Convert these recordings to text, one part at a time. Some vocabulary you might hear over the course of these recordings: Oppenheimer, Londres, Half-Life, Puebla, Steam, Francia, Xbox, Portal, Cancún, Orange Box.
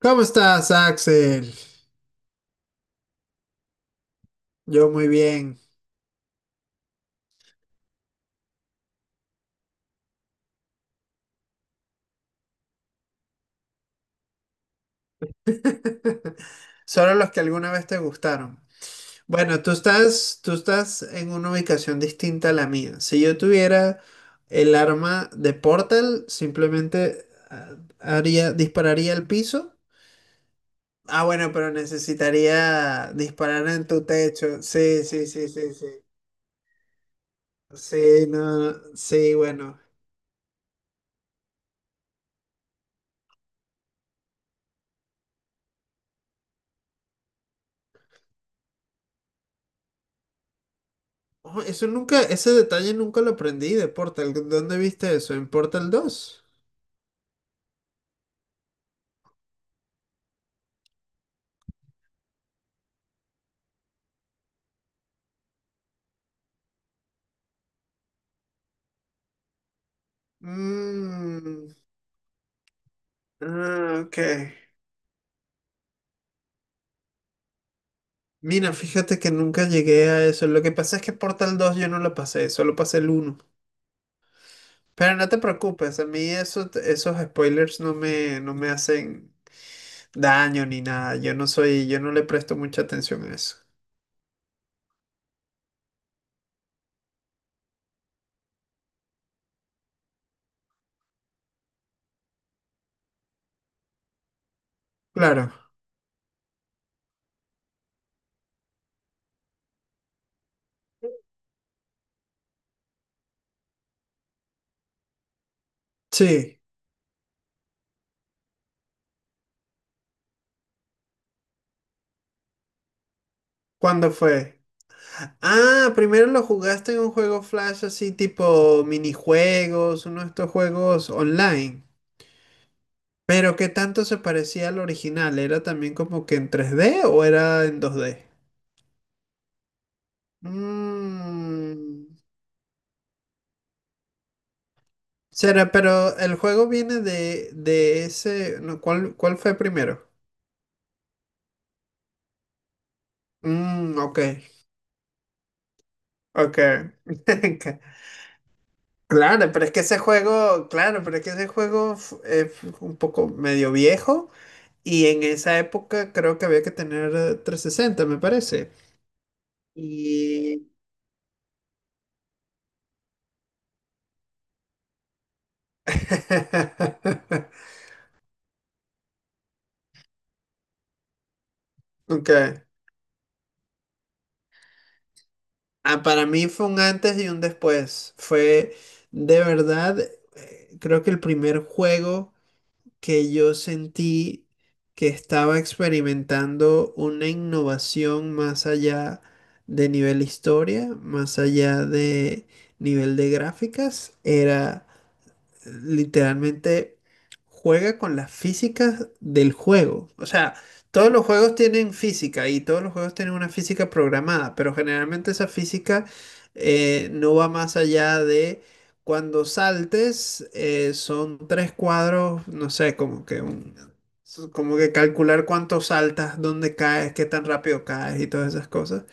¿Cómo estás, Axel? Yo muy bien. Solo los que alguna vez te gustaron. Bueno, tú estás en una ubicación distinta a la mía. Si yo tuviera el arma de Portal, simplemente haría, dispararía al piso. Ah, bueno, pero necesitaría disparar en tu techo. Sí, sí, sí, sí, sí. Sí, no, no, sí, bueno. Oh, eso nunca, ese detalle nunca lo aprendí de Portal. ¿Dónde viste eso? ¿En Portal 2? Mm, ah, ok. Mira, fíjate que nunca llegué a eso. Lo que pasa es que Portal 2 yo no lo pasé, solo pasé el uno. Pero no te preocupes, a mí esos spoilers no me, no me hacen daño ni nada. Yo no soy, yo no le presto mucha atención a eso. Claro. Sí. ¿Cuándo fue? Ah, primero lo jugaste en un juego Flash así tipo minijuegos, uno de estos juegos online. Pero ¿qué tanto se parecía al original? ¿Era también como que en 3D o era en 2D? Mm, será, pero el juego viene de ese... no, ¿cuál, cuál fue primero? Mm, ok, ok. Claro, pero es que ese juego, claro, pero es que ese juego un poco medio viejo y en esa época creo que había que tener 360, me parece. Y... Ok. Ah, para mí fue un antes y un después. Fue de verdad, creo que el primer juego que yo sentí que estaba experimentando una innovación más allá de nivel historia, más allá de nivel de gráficas, era literalmente juega con las físicas del juego. O sea, todos los juegos tienen física y todos los juegos tienen una física programada, pero generalmente esa física no va más allá de cuando saltes, son tres cuadros, no sé, como que calcular cuánto saltas, dónde caes, qué tan rápido caes y todas esas cosas.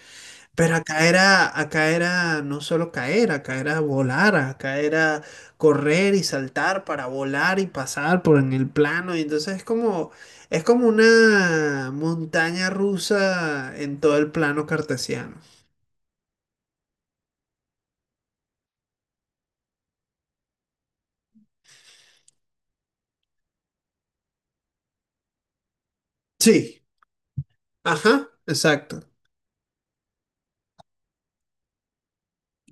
Pero acá era no solo caer, acá era volar, acá era correr y saltar para volar y pasar por en el plano. Y entonces es como una montaña rusa en todo el plano cartesiano. Sí, ajá, exacto.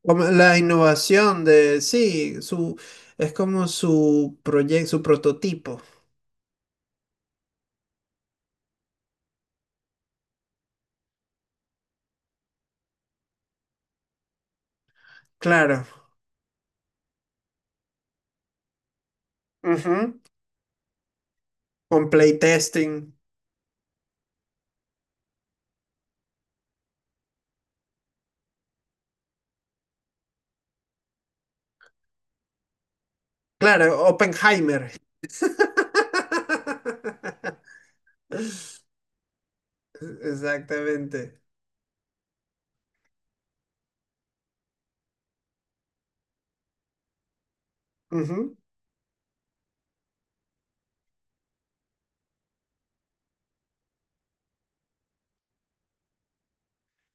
Como la innovación de, sí, su, es como su proyecto, su prototipo. Claro. Ujú. Con playtesting. Claro, Oppenheimer. Exactamente. Ujú.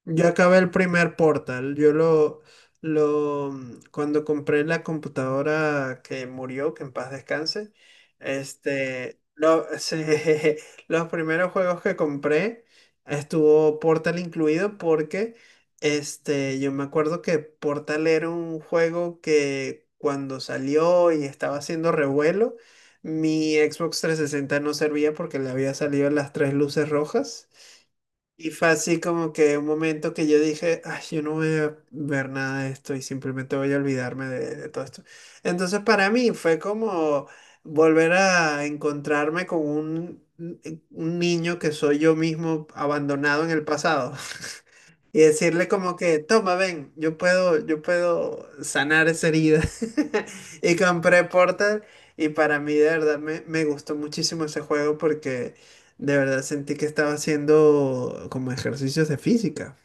Yo acabé el primer Portal. Yo lo, mm, cuando compré la computadora que murió, que en paz descanse, este, lo- se- los primeros juegos que compré estuvo Portal incluido porque, este, yo me acuerdo que Portal era un juego que cuando salió y estaba haciendo revuelo, mi Xbox 360 no servía porque le había salido las tres luces rojas. Y fue así como que un momento que yo dije, ay, yo no voy a ver nada de esto y simplemente voy a olvidarme de todo esto. Entonces para mí fue como volver a encontrarme con un niño que soy yo mismo abandonado en el pasado. Y decirle como que, toma, ven, yo puedo sanar esa herida. Y compré Portal y para mí de verdad me, me gustó muchísimo ese juego porque de verdad sentí que estaba haciendo como ejercicios de física.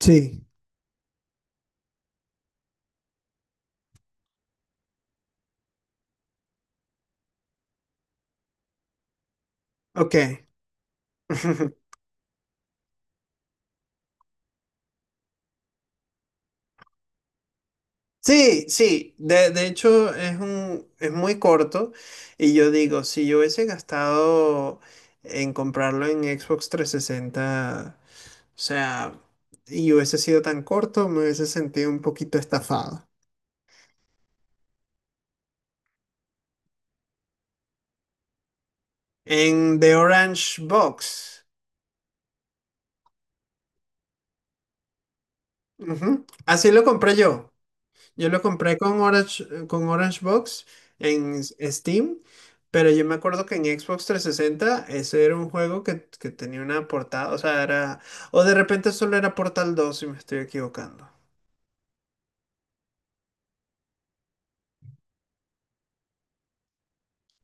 Sí. Ok. Sí, sí, de hecho es un, es muy corto y yo digo, si yo hubiese gastado en comprarlo en Xbox 360, o sea, y hubiese sido tan corto, me hubiese sentido un poquito estafado. En The Orange Box, ujú, así lo compré yo. Yo lo compré con Orange Box en Steam, pero yo me acuerdo que en Xbox trescientos sesenta ese era un juego que tenía una portada, o sea, era... O de repente solo era Portal 2 si me estoy equivocando.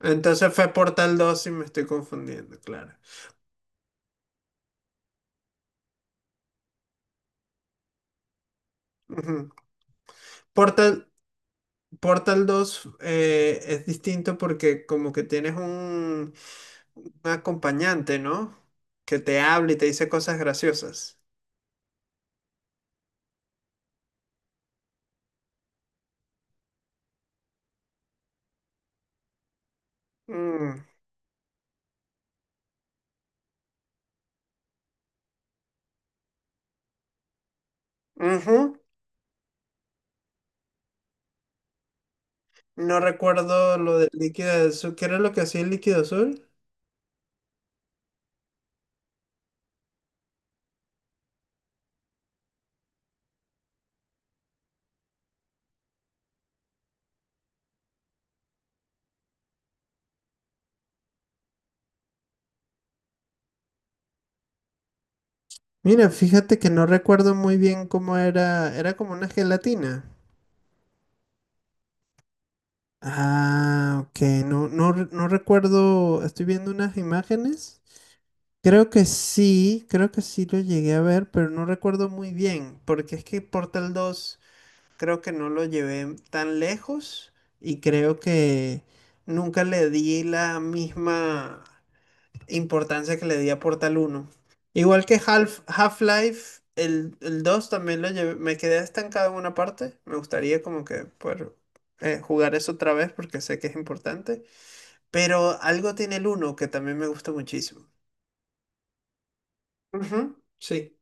Entonces fue Portal 2 si me estoy confundiendo, claro. Ujú. Portal, Portal 2 es distinto porque como que tienes un acompañante, ¿no? Que te habla y te dice cosas graciosas. Mm, ujú. No recuerdo lo del líquido azul. ¿Qué era lo que hacía el líquido azul? Mira, fíjate que no recuerdo muy bien cómo era. Era como una gelatina. Ah, ok. No, no, re- no recuerdo. Estoy viendo unas imágenes. Creo que sí lo llegué a ver, pero no recuerdo muy bien. Porque es que Portal dos, creo que no lo llevé tan lejos. Y creo que nunca le di la misma importancia que le di a Portal uno. Igual que Half, Half-Life, el 2 también lo llevé, me quedé estancado en una parte. Me gustaría como que poder jugar eso otra vez porque sé que es importante. Pero algo tiene el uno que también me gusta muchísimo. Ujú, sí.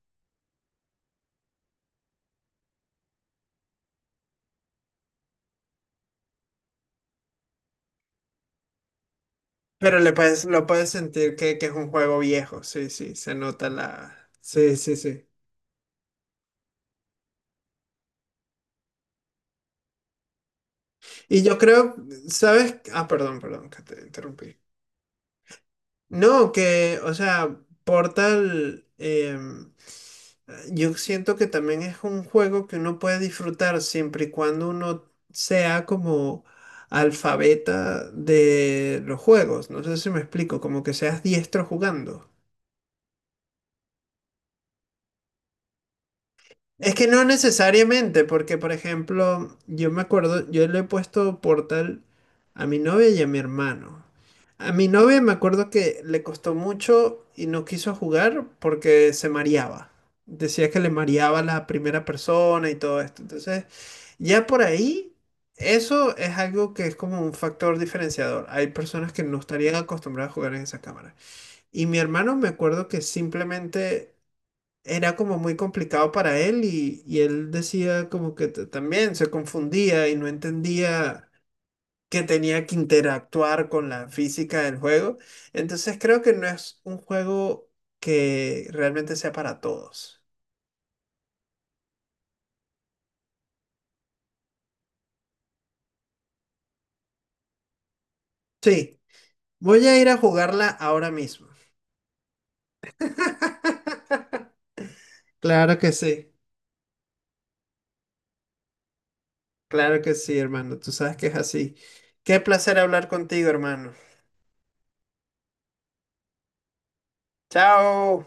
Pero le puedes, lo puedes sentir que es un juego viejo. Sí, sí, se nota la... Sí, sí, sí. Y yo creo, ¿sabes? Ah, perdón, perdón, que te interrumpí. No, que, o sea, Portal, yo siento que también es un juego que uno puede disfrutar siempre y cuando uno sea como alfabeta de los juegos. No sé si me explico, como que seas diestro jugando. Es que no necesariamente, porque por ejemplo, yo me acuerdo, yo le he puesto Portal a mi novia y a mi hermano. A mi novia me acuerdo que le costó mucho y no quiso jugar porque se mareaba. Decía que le mareaba la primera persona y todo esto. Entonces, ya por ahí, eso es algo que es como un factor diferenciador. Hay personas que no estarían acostumbradas a jugar en esa cámara. Y mi hermano me acuerdo que simplemente era como muy complicado para él y él decía como que también se confundía y no entendía que tenía que interactuar con la física del juego. Entonces creo que no es un juego que realmente sea para todos. Sí, voy a ir a jugarla ahora mismo. Claro que sí, claro que sí, hermano. Tú sabes que es así. Qué placer hablar contigo, hermano. Chao.